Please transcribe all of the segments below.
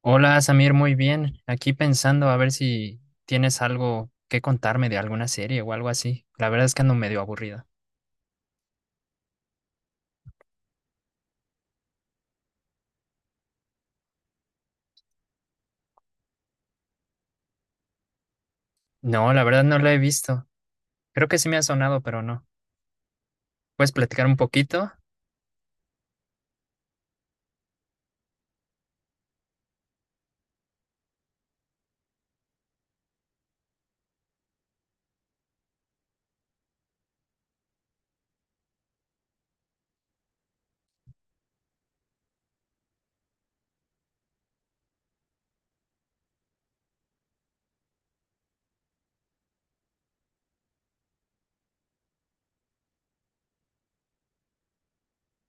Hola Samir, muy bien. Aquí pensando a ver si tienes algo que contarme de alguna serie o algo así. La verdad es que ando medio aburrido. No, la verdad no la he visto. Creo que sí me ha sonado, pero no. ¿Puedes platicar un poquito?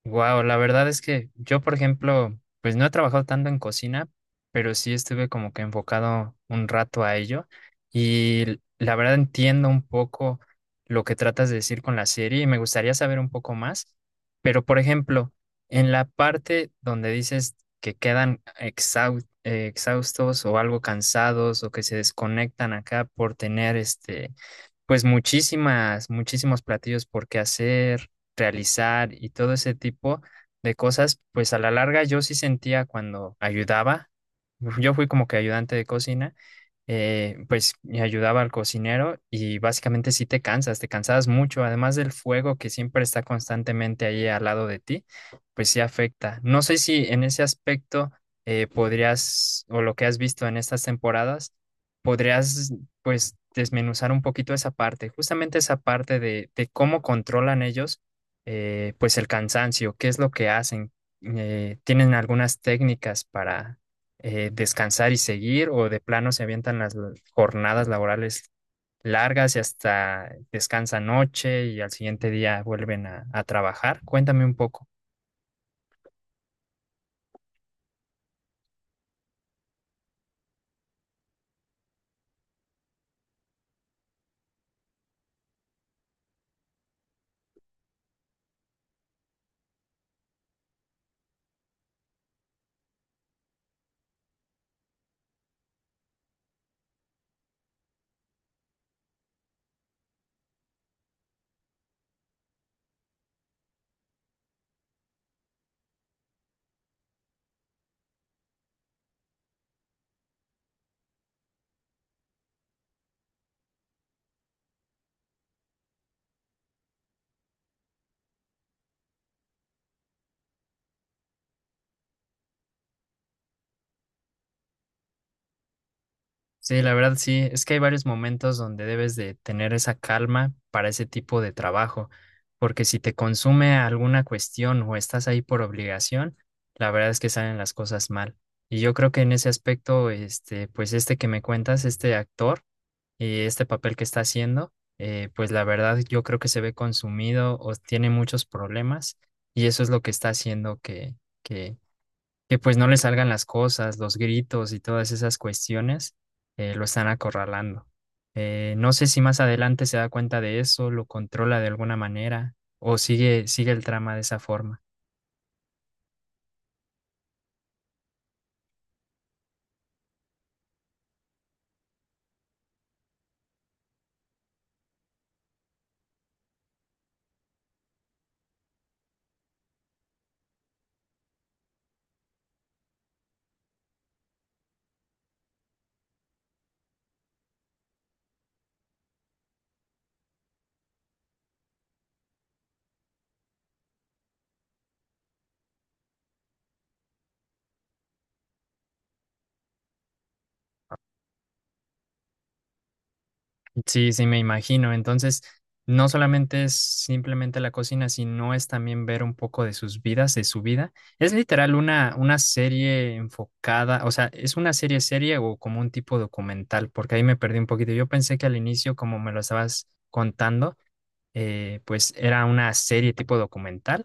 Wow, la verdad es que yo, por ejemplo, pues no he trabajado tanto en cocina, pero sí estuve como que enfocado un rato a ello y la verdad entiendo un poco lo que tratas de decir con la serie y me gustaría saber un poco más, pero por ejemplo, en la parte donde dices que quedan exhaustos o algo cansados o que se desconectan acá por tener este, pues muchísimos platillos por qué hacer realizar y todo ese tipo de cosas, pues a la larga yo sí sentía cuando ayudaba, yo fui como que ayudante de cocina, pues me ayudaba al cocinero y básicamente sí te cansabas mucho, además del fuego que siempre está constantemente ahí al lado de ti, pues sí afecta. No sé si en ese aspecto podrías, o lo que has visto en estas temporadas, podrías pues desmenuzar un poquito esa parte, justamente esa parte de cómo controlan ellos, pues el cansancio. ¿Qué es lo que hacen? ¿Tienen algunas técnicas para descansar y seguir, o de plano se avientan las jornadas laborales largas y hasta descansan noche y al siguiente día vuelven a trabajar? Cuéntame un poco. Sí, la verdad sí, es que hay varios momentos donde debes de tener esa calma para ese tipo de trabajo, porque si te consume alguna cuestión o estás ahí por obligación, la verdad es que salen las cosas mal. Y yo creo que en ese aspecto, pues este que me cuentas, este actor y este papel que está haciendo, pues la verdad yo creo que se ve consumido o tiene muchos problemas y eso es lo que está haciendo que pues no le salgan las cosas, los gritos y todas esas cuestiones, lo están acorralando. No sé si más adelante se da cuenta de eso, lo controla de alguna manera o sigue el trama de esa forma. Sí, sí, me imagino. Entonces, no solamente es simplemente la cocina, sino es también ver un poco de sus vidas, de su vida. Es literal una serie enfocada, o sea, es una serie serie o como un tipo documental, porque ahí me perdí un poquito. Yo pensé que al inicio, como me lo estabas contando, pues era una serie tipo documental,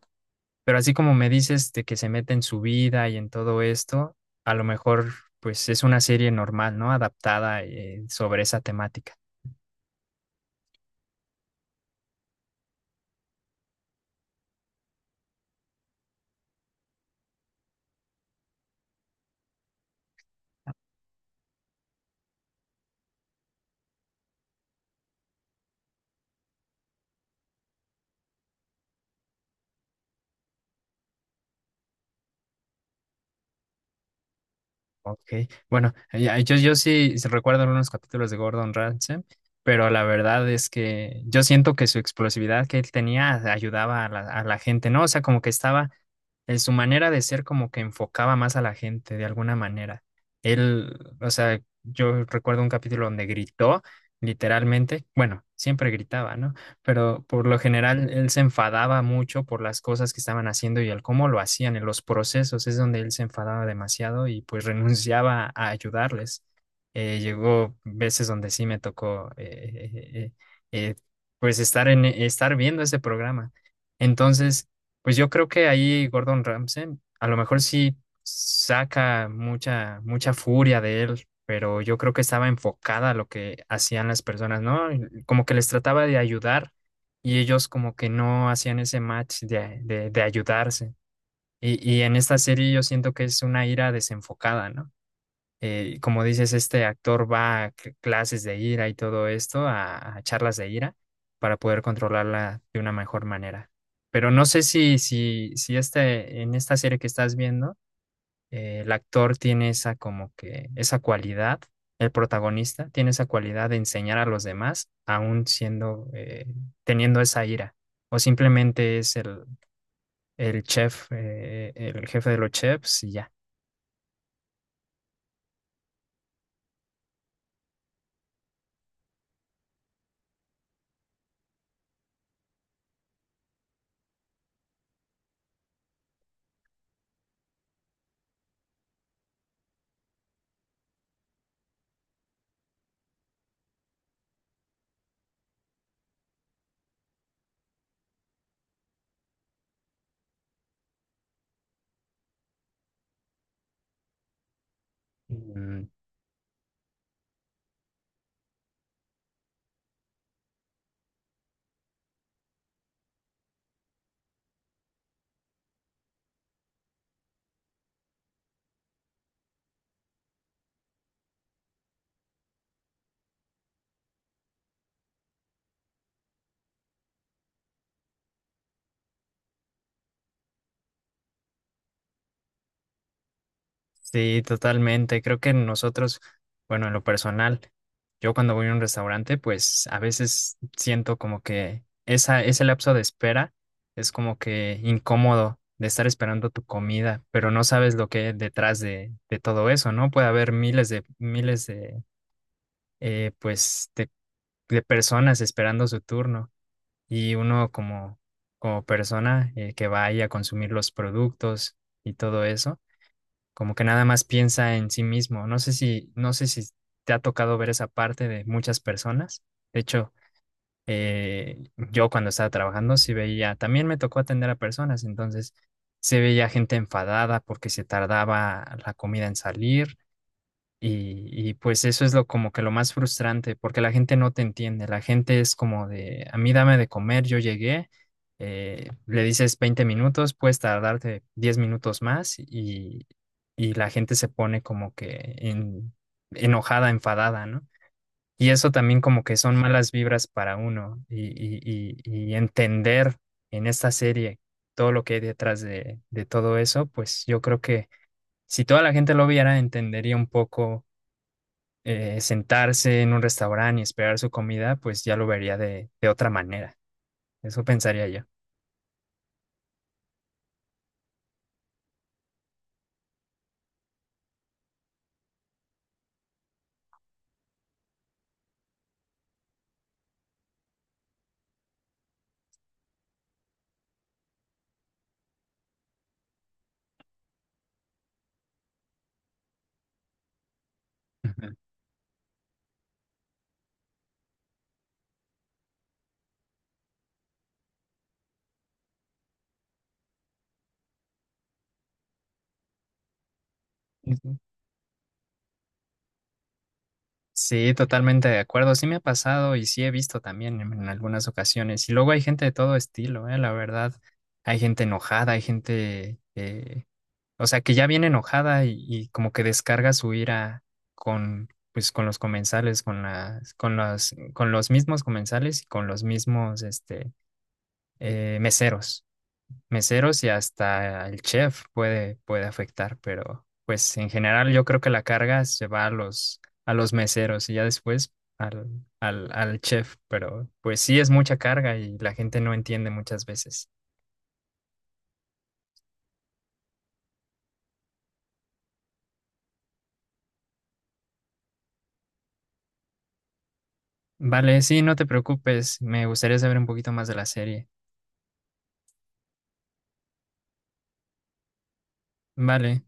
pero así como me dices de que se mete en su vida y en todo esto, a lo mejor pues es una serie normal, ¿no? Adaptada, sobre esa temática. Ok, bueno, ya, yo sí recuerdo algunos capítulos de Gordon Ramsay, pero la verdad es que yo siento que su explosividad que él tenía ayudaba a la gente, ¿no? O sea, como que estaba, en su manera de ser como que enfocaba más a la gente de alguna manera. Él, o sea, yo recuerdo un capítulo donde gritó, literalmente, bueno, siempre gritaba, ¿no? Pero por lo general él se enfadaba mucho por las cosas que estaban haciendo y el cómo lo hacían, en los procesos, es donde él se enfadaba demasiado y pues renunciaba a ayudarles. Llegó veces donde sí me tocó, eh, eh, pues estar viendo ese programa. Entonces, pues yo creo que ahí Gordon Ramsay a lo mejor sí saca mucha mucha furia de él, pero yo creo que estaba enfocada a lo que hacían las personas, ¿no? Como que les trataba de ayudar y ellos como que no hacían ese match de ayudarse. Y en esta serie yo siento que es una ira desenfocada, ¿no? Como dices, este actor va a clases de ira y todo esto, a charlas de ira, para poder controlarla de una mejor manera. Pero no sé si este, en esta serie que estás viendo, el actor tiene esa como que esa cualidad, el protagonista tiene esa cualidad de enseñar a los demás, aún siendo, teniendo esa ira, o simplemente es el chef, el jefe de los chefs y ya. Mm, sí, totalmente. Creo que nosotros, bueno, en lo personal, yo cuando voy a un restaurante, pues a veces siento como que ese lapso de espera es como que incómodo de estar esperando tu comida, pero no sabes lo que hay detrás de todo eso, ¿no? Puede haber miles de, miles de, eh, pues, de, de personas esperando su turno y uno como persona, que vaya a consumir los productos y todo eso, como que nada más piensa en sí mismo. No sé si te ha tocado ver esa parte de muchas personas. De hecho, yo cuando estaba trabajando sí veía, también me tocó atender a personas, entonces se veía gente enfadada porque se tardaba la comida en salir, y pues eso es lo como que lo más frustrante, porque la gente no te entiende, la gente es como de, a mí dame de comer, yo llegué, le dices 20 minutos, puedes tardarte 10 minutos más, y la gente se pone como que enojada, enfadada, ¿no? Y eso también como que son malas vibras para uno, y entender en esta serie todo lo que hay detrás de todo eso, pues yo creo que si toda la gente lo viera, entendería un poco, sentarse en un restaurante y esperar su comida, pues ya lo vería de otra manera. Eso pensaría yo. Ujú. Ujú. Sí, totalmente de acuerdo. Sí me ha pasado y sí he visto también en algunas ocasiones. Y luego hay gente de todo estilo, la verdad. Hay gente enojada, hay gente, o sea, que ya viene enojada y como que descarga su ira con, pues, con los comensales, con los mismos comensales y con los mismos, eh, meseros. Meseros, y hasta el chef puede afectar, pero pues en general yo creo que la carga se va a los meseros y ya después al, al chef, pero pues sí es mucha carga y la gente no entiende muchas veces. Vale, sí, no te preocupes, me gustaría saber un poquito más de la serie. Vale.